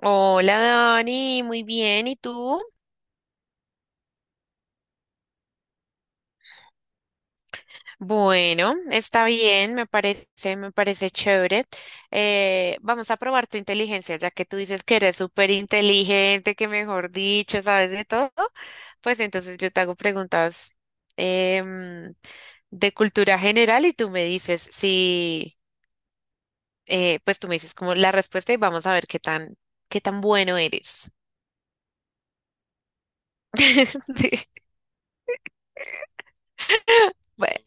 Hola Dani, muy bien, ¿y tú? Bueno, está bien, me parece chévere. Vamos a probar tu inteligencia, ya que tú dices que eres súper inteligente, que mejor dicho, sabes de todo. Pues entonces yo te hago preguntas em, de cultura general y tú me dices si, pues tú me dices como la respuesta y vamos a ver qué tan bueno eres. Sí, bueno.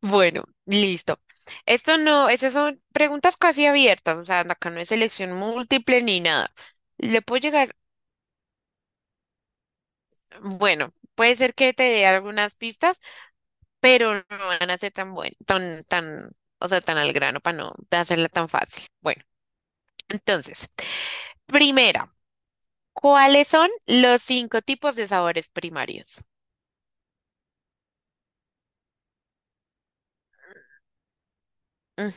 Bueno, listo. Esto no, esas son preguntas casi abiertas, o sea, acá no es selección múltiple ni nada. Le puedo llegar, bueno, puede ser que te dé algunas pistas, pero no van a ser tan buen, tan, tan, o sea, tan al grano para no hacerla tan fácil. Bueno, entonces, primera, ¿cuáles son los cinco tipos de sabores primarios? Mm,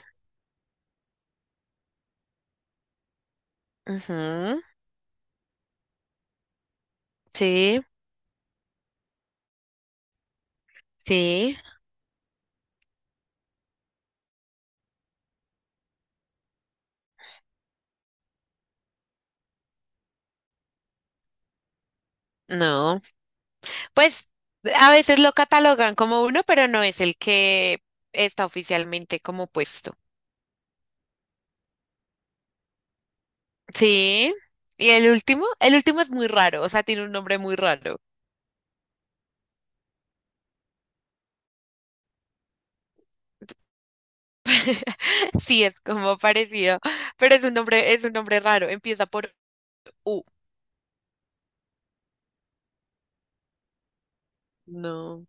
ujú, sí, sí, no. Pues a veces lo catalogan como uno, pero no es el que está oficialmente como puesto. Sí. Y el último es muy raro, o sea, tiene un nombre muy raro. Sí, es como parecido, pero es un nombre raro. Empieza por U. No.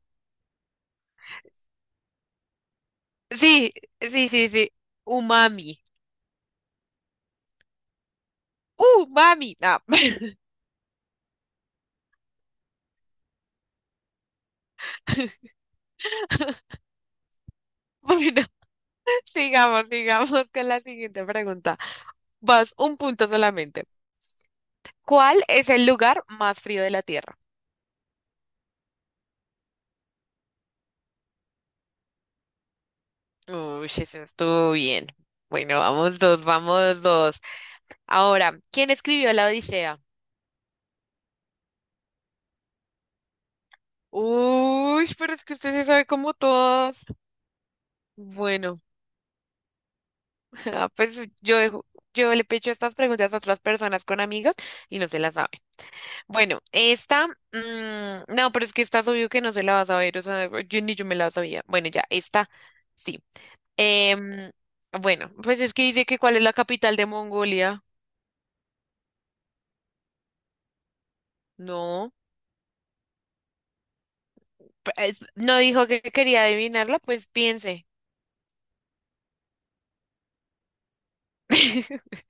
Sí, sí, sí, sí. Umami. Umami. No. Bueno, sigamos con la siguiente pregunta. Vas un punto solamente. ¿Cuál es el lugar más frío de la Tierra? Uy, eso estuvo bien. Bueno, vamos dos. Ahora, ¿quién escribió la Odisea? Uy, pero es que usted se sabe como todos. Bueno, ah, pues yo, yo le pecho estas preguntas a otras personas con amigos y no se las saben. Bueno, esta, mm, no, pero es que esta es obvio que no se la va a saber, o sea, yo ni yo me la sabía. Bueno, ya, esta, sí. Em, bueno, pues es que dice que cuál es la capital de Mongolia. No. No dijo que quería adivinarla, pues piense.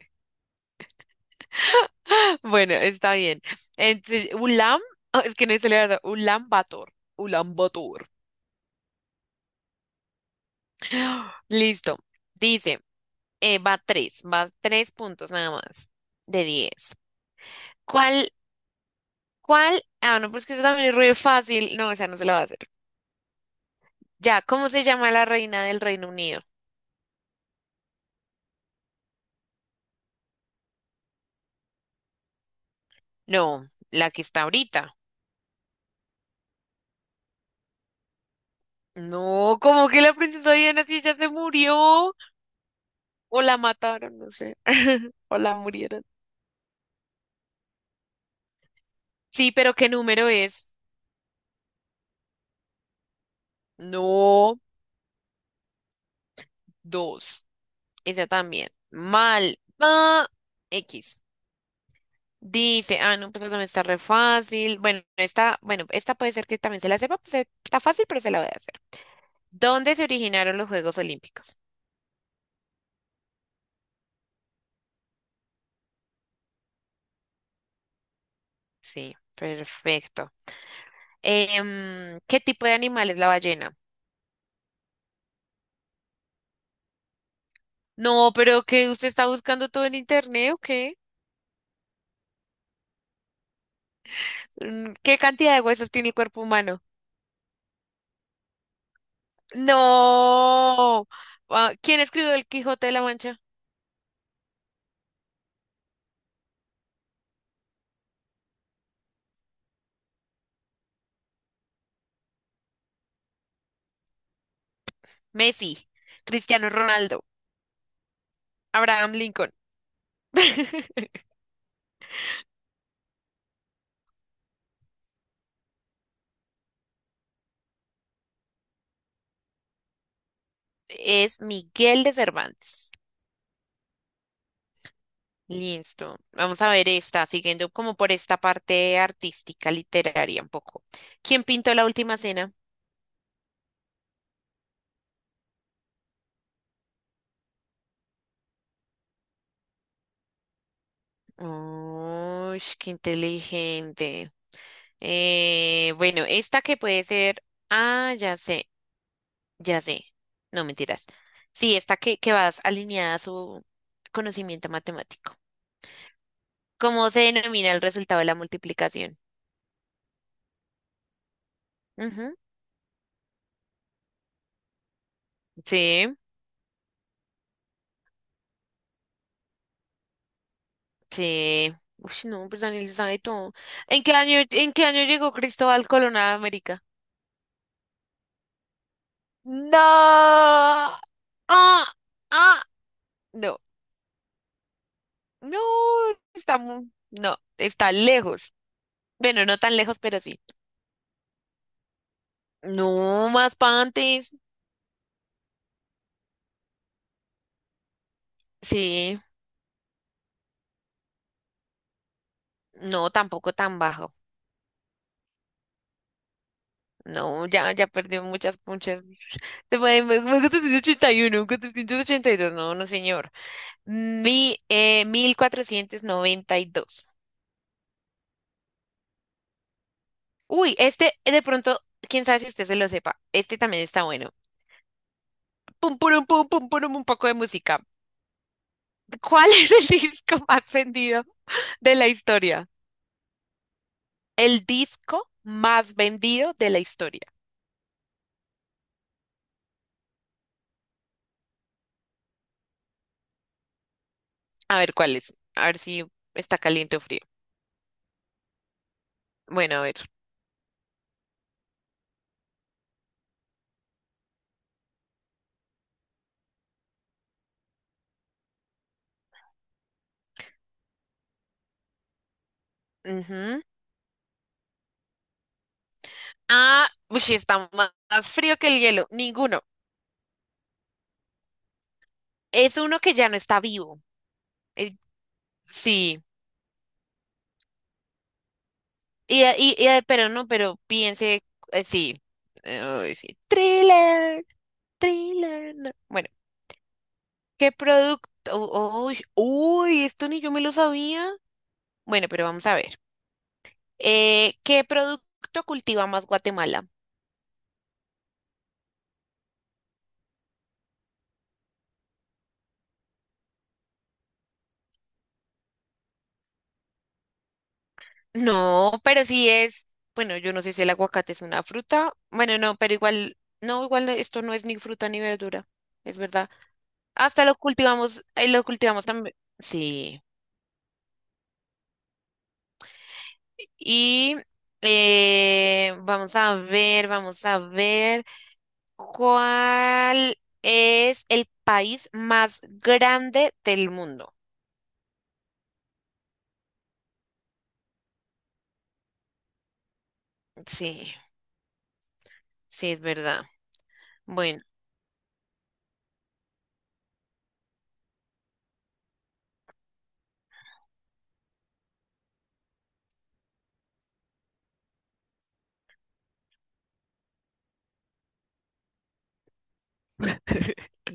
Bueno, está bien. Entonces, Ulam, oh, es que no se le va a dar, Ulam Bator. Ulam Bator. Listo. Dice, va tres puntos nada más de 10. ¿Cuál, cuál? Ah, no, pues que eso también es re fácil. No, esa no se la va a hacer. Ya, ¿cómo se llama la reina del Reino Unido? No, la que está ahorita. No, ¿cómo que la princesa Diana si ella se murió? O la mataron, no sé. O la murieron. Sí, pero ¿qué número es? No, dos. Esa también. Mal. Ah, X. Dice, ah, no, pero también está re fácil. Bueno, esta puede ser que también se la sepa, pues está fácil, pero se la voy a hacer. ¿Dónde se originaron los Juegos Olímpicos? Sí, perfecto. ¿Qué tipo de animal es la ballena? No, pero que usted está buscando todo en internet, ¿o qué? Mm, ¿qué cantidad de huesos tiene el cuerpo humano? No. Ah, ¿quién escribió El Quijote de la Mancha? Messi, Cristiano Ronaldo, Abraham Lincoln. Es Miguel de Cervantes. Listo. Vamos a ver esta, siguiendo como por esta parte artística, literaria un poco. ¿Quién pintó la última cena? Uy, qué inteligente. Bueno, esta que puede ser. Ah, ya sé. Ya sé, no mentiras. Sí, esta que vas alineada a su conocimiento matemático. ¿Cómo se denomina el resultado de la multiplicación? Ujú, sí, sí. Uy, no, pues Daniel se sabe todo. ¿En qué año llegó Cristóbal Colón a América? No. Ah, ah. No, no, no, está lejos. Bueno, no tan lejos, pero sí. No, más pa' antes. Sí, no, tampoco tan bajo. No, ya, ya perdió muchas punchas. Me gusta 481, 482, no, no, señor. Mil cuatrocientos noventa y dos. Uy, este de pronto, quién sabe si usted se lo sepa. Este también está bueno. Pum, purum, pum, pum, purum, un poco de música. ¿Cuál es el disco más vendido de la historia? El disco más vendido de la historia. A ver, ¿cuál es? A ver si está caliente o frío. Bueno, a ver. Ujú. Ah, uy, sí, más frío que el hielo. Ninguno. Es uno que ya no está vivo. Eh, sí. Pero no, pero piense, sí. Uy, sí. Thriller, thriller. No. Bueno, ¿qué producto? Uy, uy, esto ni yo me lo sabía. Bueno, pero vamos a ver. ¿Qué producto cultiva más Guatemala? No, pero sí es. Bueno, yo no sé si el aguacate es una fruta. Bueno, no, pero igual, no, igual esto no es ni fruta ni verdura. Es verdad. Hasta lo cultivamos también. Sí. Y vamos a ver cuál es el país más grande del mundo. Sí, sí, es verdad. Bueno,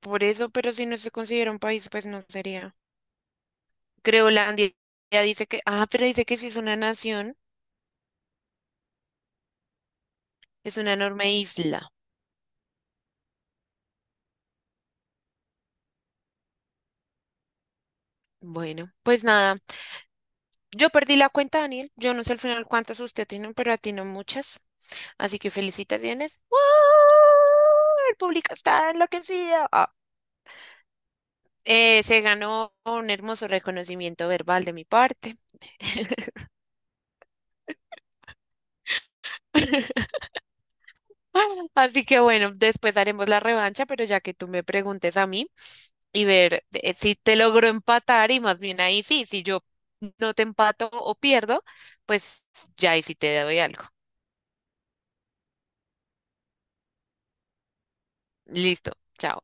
por eso, pero si no se considera un país, pues no sería. Groenlandia ya dice que, ah, pero dice que sí es una nación, es una enorme isla. Bueno, pues nada. Yo perdí la cuenta, Daniel. Yo no sé al final cuántas usted tiene, pero atinó muchas. Así que felicitaciones. ¡Wow! El público está enloquecido. Ah, se ganó un hermoso reconocimiento verbal de mi parte. Así que bueno, después haremos la revancha, pero ya que tú me preguntes a mí y ver si te logro empatar y más bien ahí sí, si yo no te empato o pierdo, pues ya ahí sí te doy algo. Listo, chao.